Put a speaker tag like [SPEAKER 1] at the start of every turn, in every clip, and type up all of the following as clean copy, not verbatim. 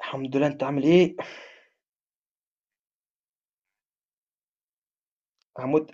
[SPEAKER 1] الحمد لله، انت عامل ايه؟ هموت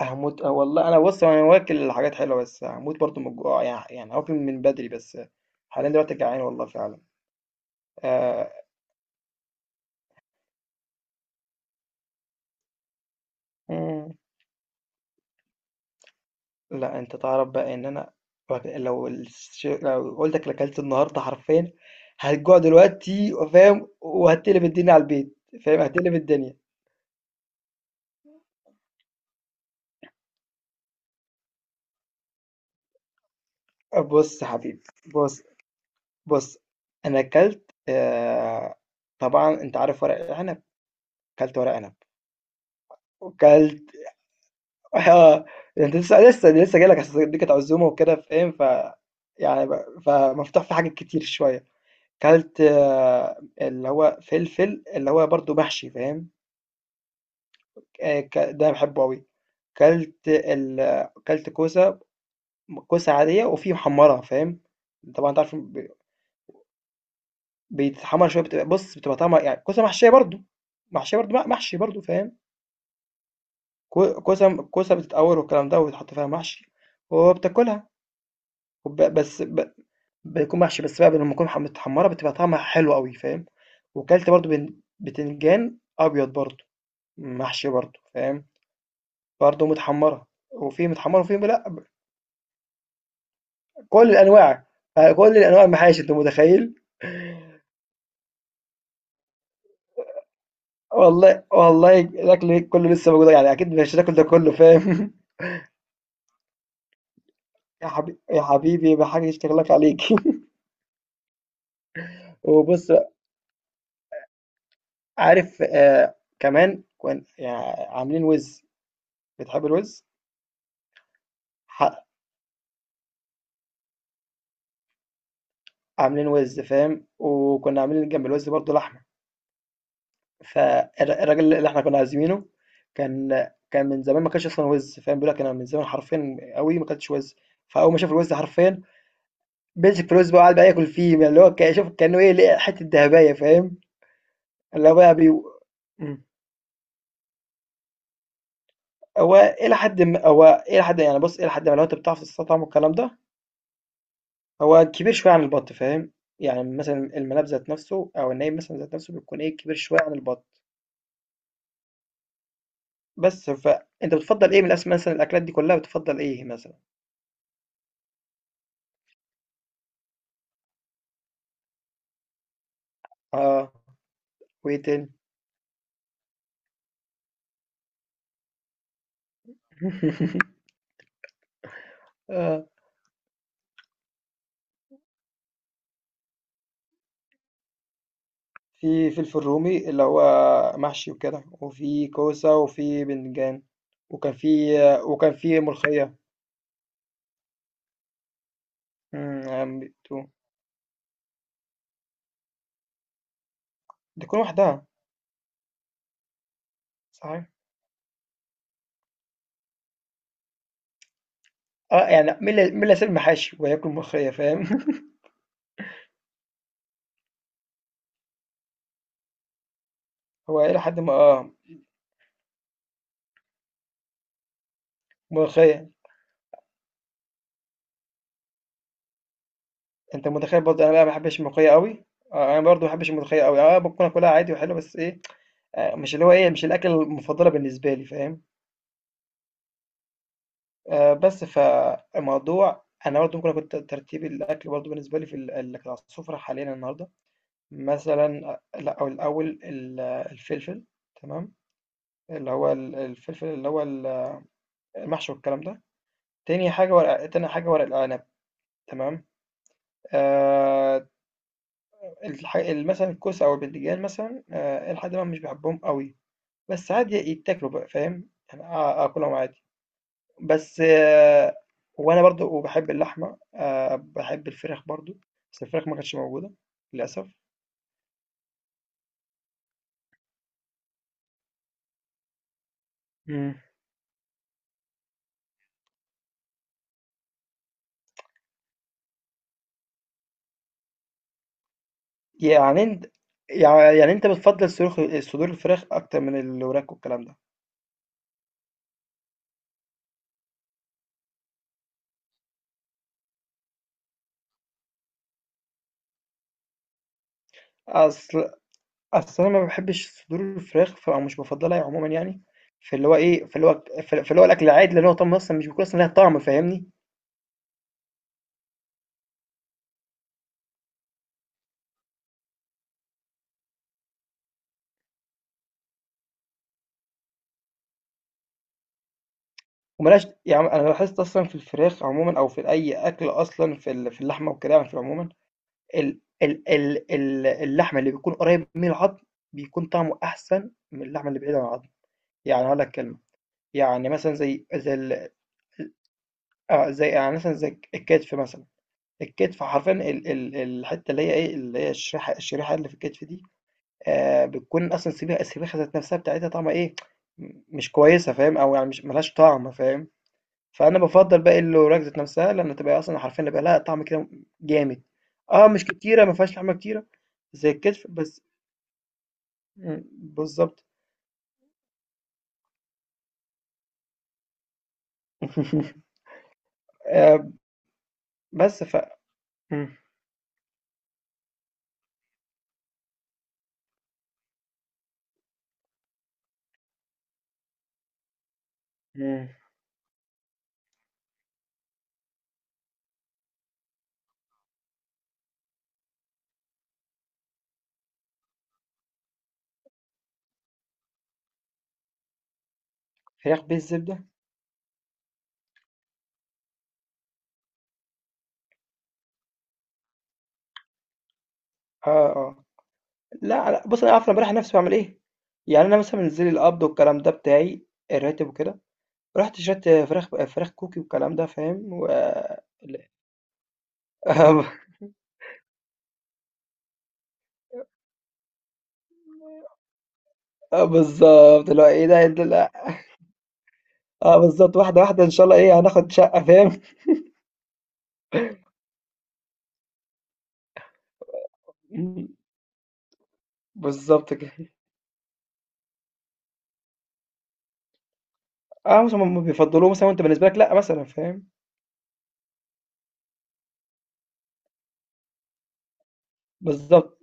[SPEAKER 1] هموت اه والله، انا، بص، انا واكل حاجات حلوه، بس هموت برضو من الجوع. يعني واكل من بدري بس. حاليا دلوقتي جعان والله فعلا. آه. مم. لا، انت تعرف بقى ان انا لو قلت لك اكلت النهارده حرفيا هتجوع دلوقتي، فاهم؟ وهتقلب الدنيا على البيت، فاهم؟ هتقلب الدنيا. بص يا حبيبي. بص. بص. انا اكلت، آه. طبعا انت عارف ورق العنب. اكلت ورق عنب، وكلت. اه انت لسه جاي لك، اصل دي كانت عزومه وكده، فاهم؟ فمفتوح في حاجات كتير شويه. كلت، اللي هو فلفل، اللي هو برضو محشي، فاهم. ده بحبه قوي. كلت كوسه، كوسه عاديه، وفي محمره، فاهم. طبعا انت عارف، بيتحمر شويه، بتبقى طعمها، يعني كوسه محشيه برضو، محشيه برضو، محشي برضو، فاهم. كوسه بتتقور والكلام ده، وبتحط فيها محشي وبتاكلها. وب بس ب بيكون محشي، بس بقى لمّا تكون متحمّرة بتبقى طعمها حلو أوي، فاهم. وكلت برضه بتنجان أبيض برضه، محشي برضه، فاهم. برضه متحمّرة، وفي متحمّرة، وفي لأ، كل الأنواع. يعني كل الأنواع المحاشي، أنت متخيّل؟ والله والله الأكل كُلّه لسه موجود، يعني أكيد مش هتاكل ده كُلّه، فاهم. يا حبيبي بحاجة تشتغل لك عليك. وبُص بقى، عارف، كمان يعني عاملين وِز. بتحب الوِز؟ ح عاملين وِز، فاهم. وكنا عاملين جنب الوِز برضه لحمة. الراجل اللي إحنا كنا عازمينه كان كان من زمان ما كانش أصلًا وِز، فاهم. بيقول لك: أنا من زمان حرفيًا أوي ما كلتش وِز. فأول ما شاف الوِز حرفيًا مسك في الوِز بقى، وقعد بقى ياكل فيه، ما اللي هو، شوف كأنه إيه، لقى حتة دهباية، فاهم. اللي هو بقى بيو إمم، هو إلى حدٍ ما، هو إلى حدٍ يعني بُص إلى حدٍ ما لو أنت بتعرف تستطعمه والكلام ده. هو كبير شوية عن البَط، فاهم. يعني مثلًا المناب ذات نفسه، أو النايم مثلًا ذات نفسه، بيكون إيه، كبير شوية عن البَط. بس فأنت بتفضّل إيه من مثلًا، الأكلات دي كلّها بتفضّل إيه مثلًا؟ آه. وإيه تاني؟ آه، في فلفل رومي اللي هو محشي وكده، وفي كوسة، وفي بتنجان، وكان في وكان في ملوخية. إمم. دي كل واحدة. صحيح. آه، يعني مين اللي، مين اللي هيسيب المحاشي وهياكل ملوخية، فاهم؟ هو إلى حدٍ ما، آه. ملوخية. أنت متخيل برضه أنا بقى ما باحبش الملوخية أوي. آه. أنا برضه ما باحبش الملوخية أوي. آه، ممكن آكلها عادي وحلو، بس إيه، آه، مش اللي هو ايه، مش الاكله المفضله بالنسبه لي، فاهم. آه، بس فالموضوع انا برضه ممكن اكون ترتيب الاكل برضه بالنسبه لي في اللي كانت على السفره حاليا النهارده، مثلا. آه، لا، او الاول الفلفل، تمام، اللي هو الفلفل اللي هو المحشي والكلام ده. تاني حاجه ورق، تاني حاجه ورق العنب، تمام. آه، مثلا الكوسه او البتنجان مثلا، آه، لحد ما مش بحبهم قوي، بس عادي يتاكلوا بقى، فاهم. يعني اكلهم عادي، بس وأنا برضه، وباحب اللحمة. باحب الفراخ برضه، بس الفراخ ما كانتش موجودة للأسف. إمم. يعني أنت، يعني أنت بتفضّل صدور الفراخ أكتر من الوراك والكلام ده. أصل أصل أنا ما باحبش صدور الفراخ، ف أو مش بافضّلها عمومًا يعني. فاللي هو الأكل العادي اللي هو طعمه أصلًا مش بيكون أصلًا ليها طعم، فاهمني. وما لهاش يعني، أنا لاحظت أصلًا في الفراخ عمومًا، أو في أي أكل أصلًا، في ال في اللحمة والكلام، في عمومًا، ال اللحم اللي بيكون قريب من العضم بيكون طعمه أحسن من اللحمة اللي بعيدة عن العضم. يعني هاقول لك كلمة. يعني مثلًا زي زي ال آه، زي يعني مثلًا زي الكتف مثلًا. الكتف حرفيًا، ال ال الحتة اللي هي إيه، اللي هي الشريحة اللي في الكتف دي، بتكون أصلًا، السبيخة ذات نفسها بتاعتها طعمها إيه، مش كويسة، فاهم. أو يعني مش، ما لهاش طعم، فاهم. فأنا بافضّل بقى الوراك ذات نفسها لمّا تبقى أصلًا حرفيًا يبقى لها طعم كده جامد. آه، مش كتيرة، ما فيهاش لحمة كتيرة زي الكتف بس. إمم، بالضبط. آآ بس ف. إمم. إمم. فراخ بالزبدة؟ آه، آه. لأ، لأ، بُصّي، أنا عارف أنا باريّح نَفْسي باعمل إيه. يعني أنا مثلًا بانزل القبض والكلام ده بتاعي، الراتب وكده. رُحت شريت فراخ كوكي والكلام ده، فاهم، و ال. آه، آه بالضبط، اللي هو إيه، ده إيه ده، لأ. آه بالضبط، واحدة، واحدة إن شاء الله إيه، هناخد شقة، فاهم. إمم، بالضبط كده. آه، مثلًا هُم بيفضّلوه مثلًا، وأنت بالنسبة لك لأ مثلًا، فاهم. بالضبط.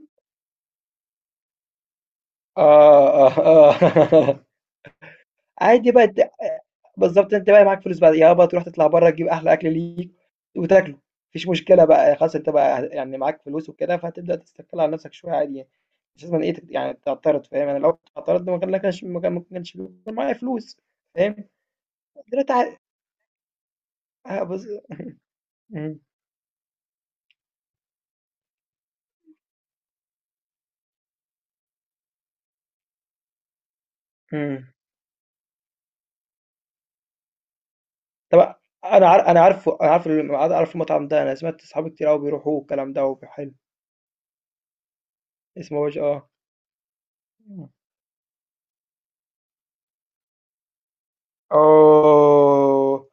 [SPEAKER 1] آه، آه، آه. عادي بقى، بالضبط، أنت بقى معاك فلوس بقى، يابا تروح تطلع برّه، تجيب أحلى أكل ليك وتاكله، ما فيش مشكلة بقى، خلاص. أنت بقى يعني معاك فلوس وكده، فهتبدأ تستقل على نفْسك شوية، عادي يعني. مش لازمًا إيه، يعني تعترض، فاهم. أنا لو اعترضت ما كانش بيكون معايا فلوس، فاهم. دلوقتي، آه إمم. إمم. طب أنا أنا عارف عارف المطعم ده. أنا سمعت صحابي كتير أوي بيروحوه والكلام ده، وب حلو. اسمه آه. آه،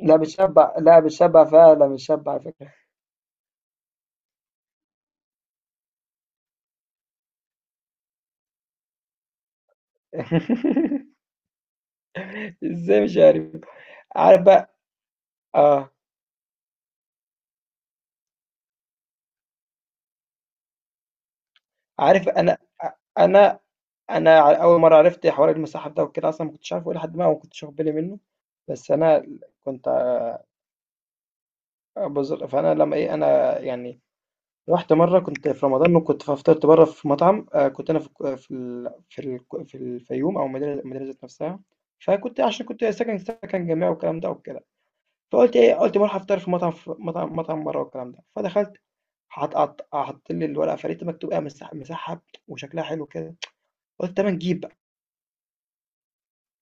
[SPEAKER 1] لأ بتشبع، لأ بتشبع فعلًا، بتشبع على فكرة. ازاي مش عارف. عارف بقى. اه. عارف انا اول مره عرفت حوار المصحف ده وكده، اصلا ما كنتش عارفه ايه لحد ما، ما كنتش واخد بالي منه. بس انا كنت بزر، فانا لما ايه، انا يعني رحت مره كنت في رمضان، وكنت فطرت بره في مطعم، آه، كنت انا في الك- في ال في, ال في الفيوم او المدينه المدينه ذات نفسها. فكنت، عشان كنت ساكن سكن جامعي والكلام ده. فقُلت إيه، قُلت باروح أفطر في مطعم، ف مطعم برّه والكلام ده. فدخلت، حط لي الورقة، فلقيت مكتوب إيه، مسحّب. وشكلها حلو كده. قُلت أمّا نجيب بقى.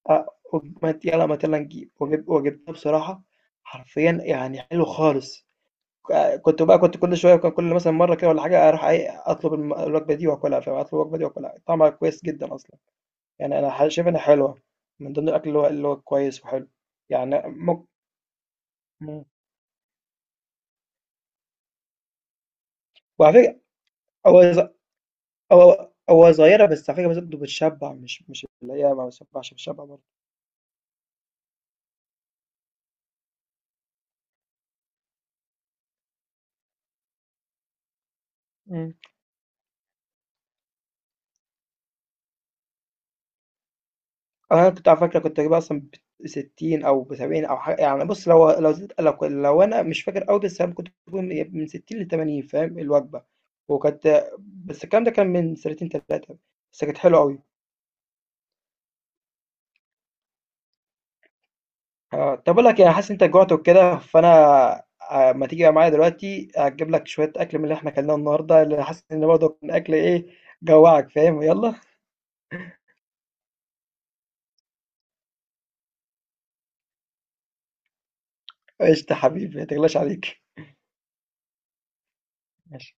[SPEAKER 1] آه، وب- ما ت يالّا ما ت يالّا نجيب. وجبت وجبتها، بصراحة حرفيًا يعني حلو خالص. ك كنت بقى كنت كل شوية ك كل مثلًا مرّة كده والّا حاجة أروح إيه، أطلب الوجبة دي وآكلها، فاهم، أطلب الوجبة دي وآكلها. طعمها كويس جدًا أصلًا، يعني أنا شايف إنها حلوة، من ضمن الأكل اللي هو اللي هو كويس وحلو، يعني إمم. وعلى فكرة، هو ز هو هو صغيرة، بس على فكرة برضه بتشبع، مش مش اللي هي ما بتشبعش، بتشبع برضه. مم. أنا كنت على فكرة كنت بجيبها أصلا ب60 أو ب70 أو حاجة، يعني بص، لو لو زدت لو، لو أنا مش فاكر أوي، بس أنا كنت بجيبهم من 60 ل80، فاهم، الوجبة. وكانت، بس الكلام ده كان من سنتين 3، بس كانت حلوة أوي. آه، طب أقول لك، يعني حاسس إن أنت جوعت وكده، فأنا آه، ما تيجي بقى معايا دلوقتي أجيب لك شوية أكل من اللي إحنا أكلناه النهاردة، اللي حاسس إن برضه كان أكل إيه، جوعك، فاهم، يلا. قشطة حبيبي، ما تغلاش عليك. ماشي.